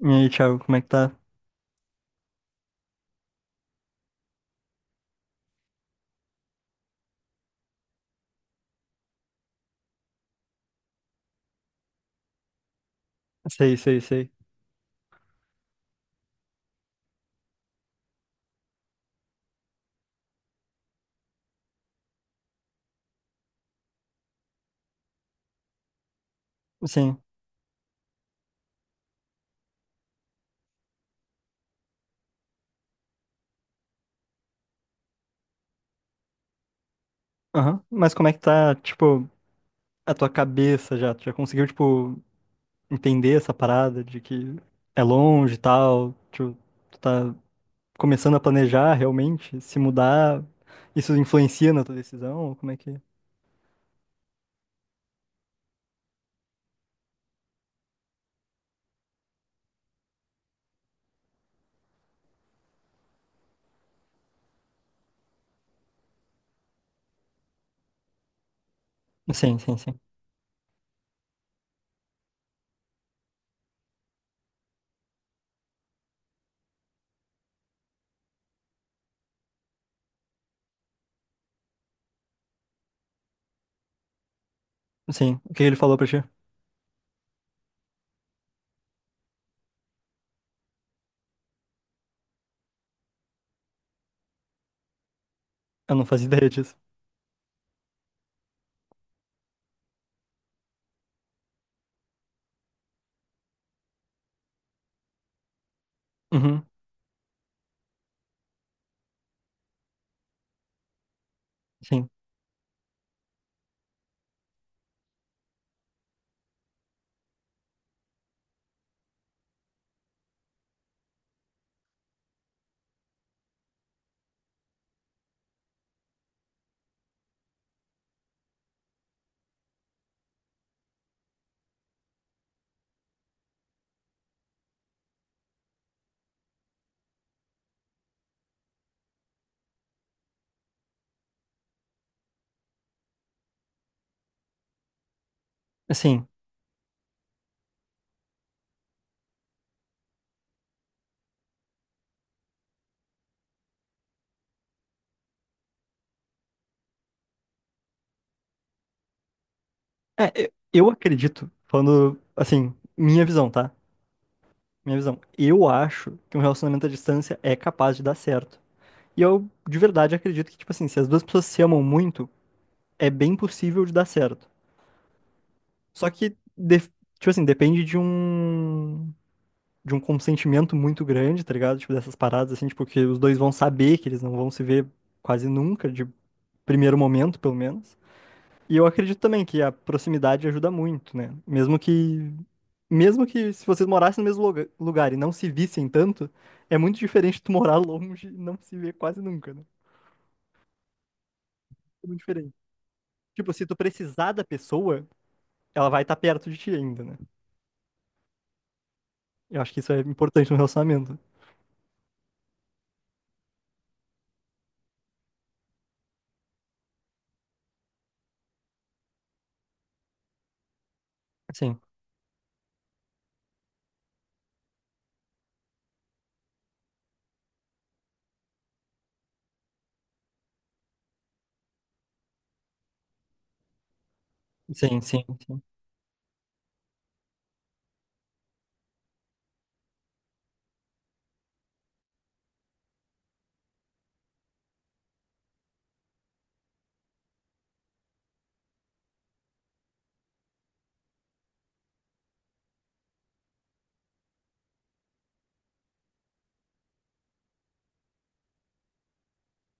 E aí, Thiago, como é que tá? Sei, sei, sei. Sim. Aham. Mas como é que tá, tipo, a tua cabeça já? Tu já conseguiu, tipo, entender essa parada de que é longe e tal? Tipo, tu tá começando a planejar realmente? Se mudar, isso influencia na tua decisão? Como é que. Sim, sim, sim. Sim. O que ele falou pra ti? Eu não fazia ideia disso. Uhum. Sim. Assim. É, eu acredito, falando, assim, minha visão, tá? Minha visão. Eu acho que um relacionamento à distância é capaz de dar certo. E eu, de verdade, acredito que, tipo assim, se as duas pessoas se amam muito, é bem possível de dar certo. Só que, de- tipo assim, depende de um. De um consentimento muito grande, tá ligado? Tipo, dessas paradas, assim, tipo, que os dois vão saber que eles não vão se ver quase nunca, de primeiro momento, pelo menos. E eu acredito também que a proximidade ajuda muito, né? Mesmo que se vocês morassem no mesmo lugar e não se vissem tanto, é muito diferente tu morar longe e não se ver quase nunca, né? É muito diferente. Tipo, se tu precisar da pessoa, ela vai estar perto de ti ainda, né? Eu acho que isso é importante no relacionamento. Sim, sim, sim, sim.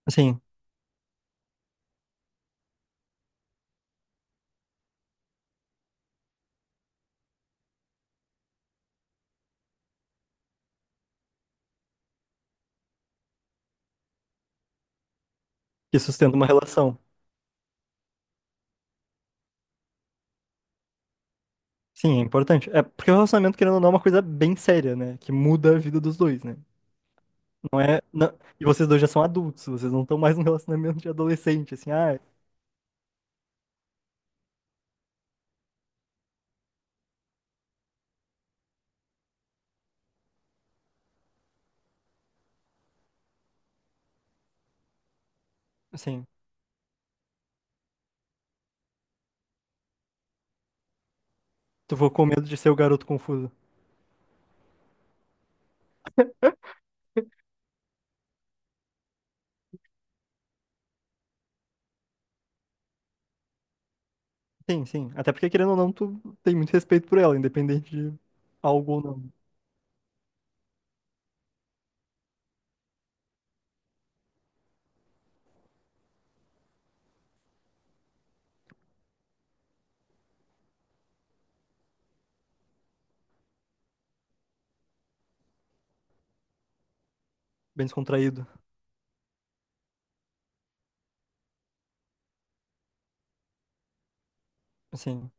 Sim, que sustenta uma relação. Sim, é importante. É porque o relacionamento, querendo ou não, é uma coisa bem séria, né? Que muda a vida dos dois, né? Não é. E vocês dois já são adultos, vocês não estão mais num relacionamento de adolescente, assim, ah, assim, tu ficou com medo de ser o garoto confuso. Sim, sim. Até porque, querendo ou não, tu tem muito respeito por ela, independente de algo ou não. Bem descontraído. Assim,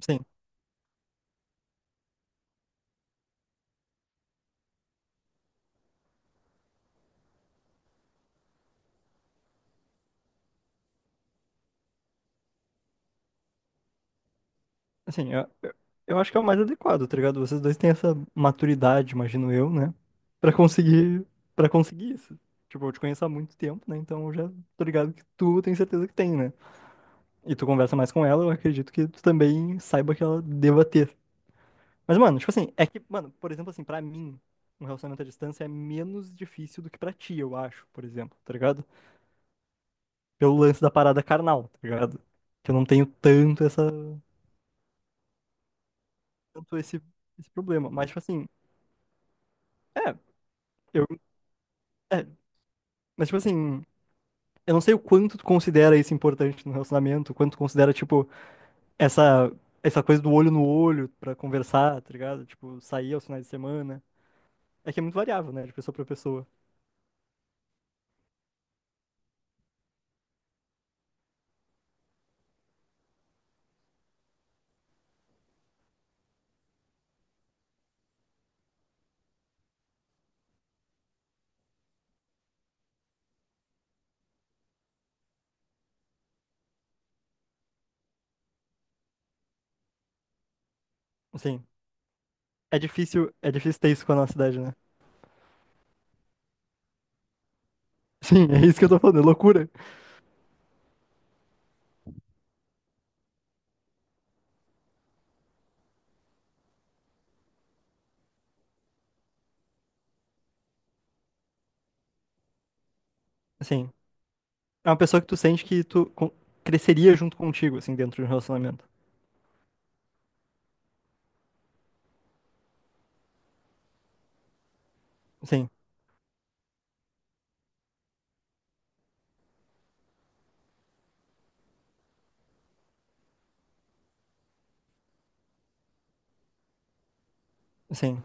sim. Assim, eu acho que é o mais adequado, tá ligado? Vocês dois têm essa maturidade, imagino eu, né? Pra conseguir. Pra conseguir isso. Tipo, eu te conheço há muito tempo, né? Então eu já tô ligado que tu tem certeza que tem, né? E tu conversa mais com ela, eu acredito que tu também saiba que ela deva ter. Mas, mano, tipo assim, é que, mano, por exemplo, assim, pra mim, um relacionamento à distância é menos difícil do que pra ti, eu acho, por exemplo, tá ligado? Pelo lance da parada carnal, tá ligado? Que eu não tenho tanto essa, tanto esse, esse problema. Mas, tipo assim, é, eu, é, mas, tipo assim, eu não sei o quanto tu considera isso importante no relacionamento, o quanto tu considera, tipo, essa, essa coisa do olho no olho pra conversar, tá ligado? Tipo, sair aos finais de semana. É que é muito variável, né, de pessoa pra pessoa. Assim, é difícil ter isso com a nossa idade, né? Sim, é isso que eu tô falando, é loucura. Assim, é uma pessoa que tu sente que tu con- cresceria junto contigo, assim, dentro de um relacionamento. Sim, sim.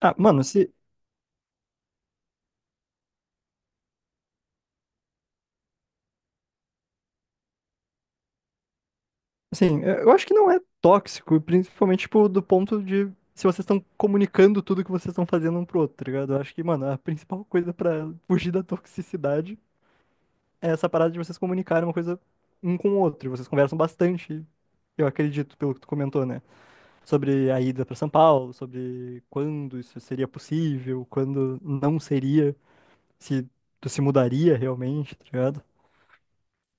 Ah, mano, se. Sim, eu acho que não é tóxico, principalmente, tipo, do ponto de se vocês estão comunicando tudo que vocês estão fazendo um pro outro, tá ligado? Eu acho que, mano, a principal coisa pra fugir da toxicidade é essa parada de vocês comunicarem uma coisa um com o outro. Vocês conversam bastante, eu acredito, pelo que tu comentou, né? Sobre a ida para São Paulo, sobre quando isso seria possível, quando não seria, se tu se mudaria realmente, tá ligado?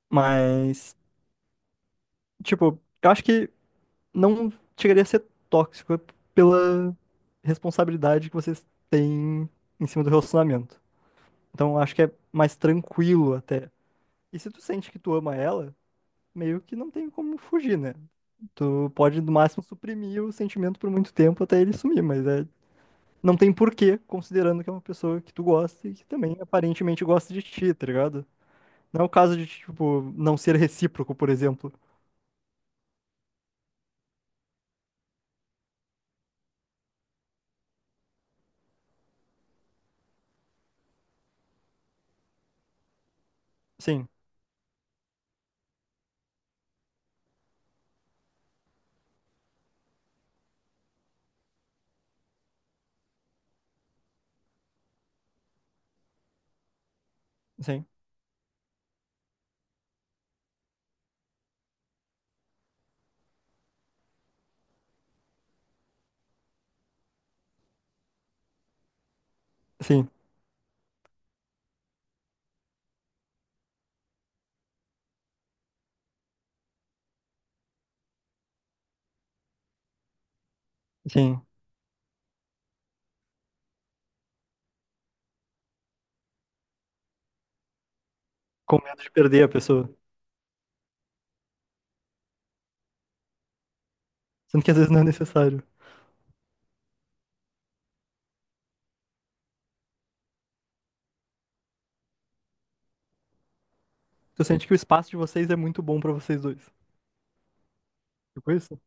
Mas, tipo, eu acho que não chegaria a ser tóxico é pela responsabilidade que vocês têm em cima do relacionamento. Então, eu acho que é mais tranquilo até. E se tu sente que tu ama ela, meio que não tem como fugir, né? Tu pode, no máximo, suprimir o sentimento por muito tempo até ele sumir, mas é não tem porquê, considerando que é uma pessoa que tu gosta e que também aparentemente gosta de ti, tá ligado? Não é o caso de, tipo, não ser recíproco, por exemplo. Sim, sim, sim, sim. Com medo de perder a pessoa. Sendo que às vezes não é necessário. Tu sente que o espaço de vocês é muito bom pra vocês dois. Tipo isso?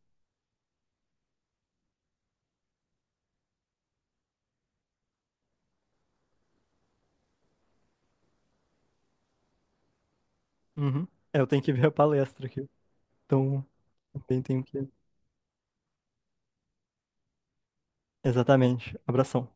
Uhum. É, eu tenho que ver a palestra aqui. Então, também tenho que. Exatamente. Abração.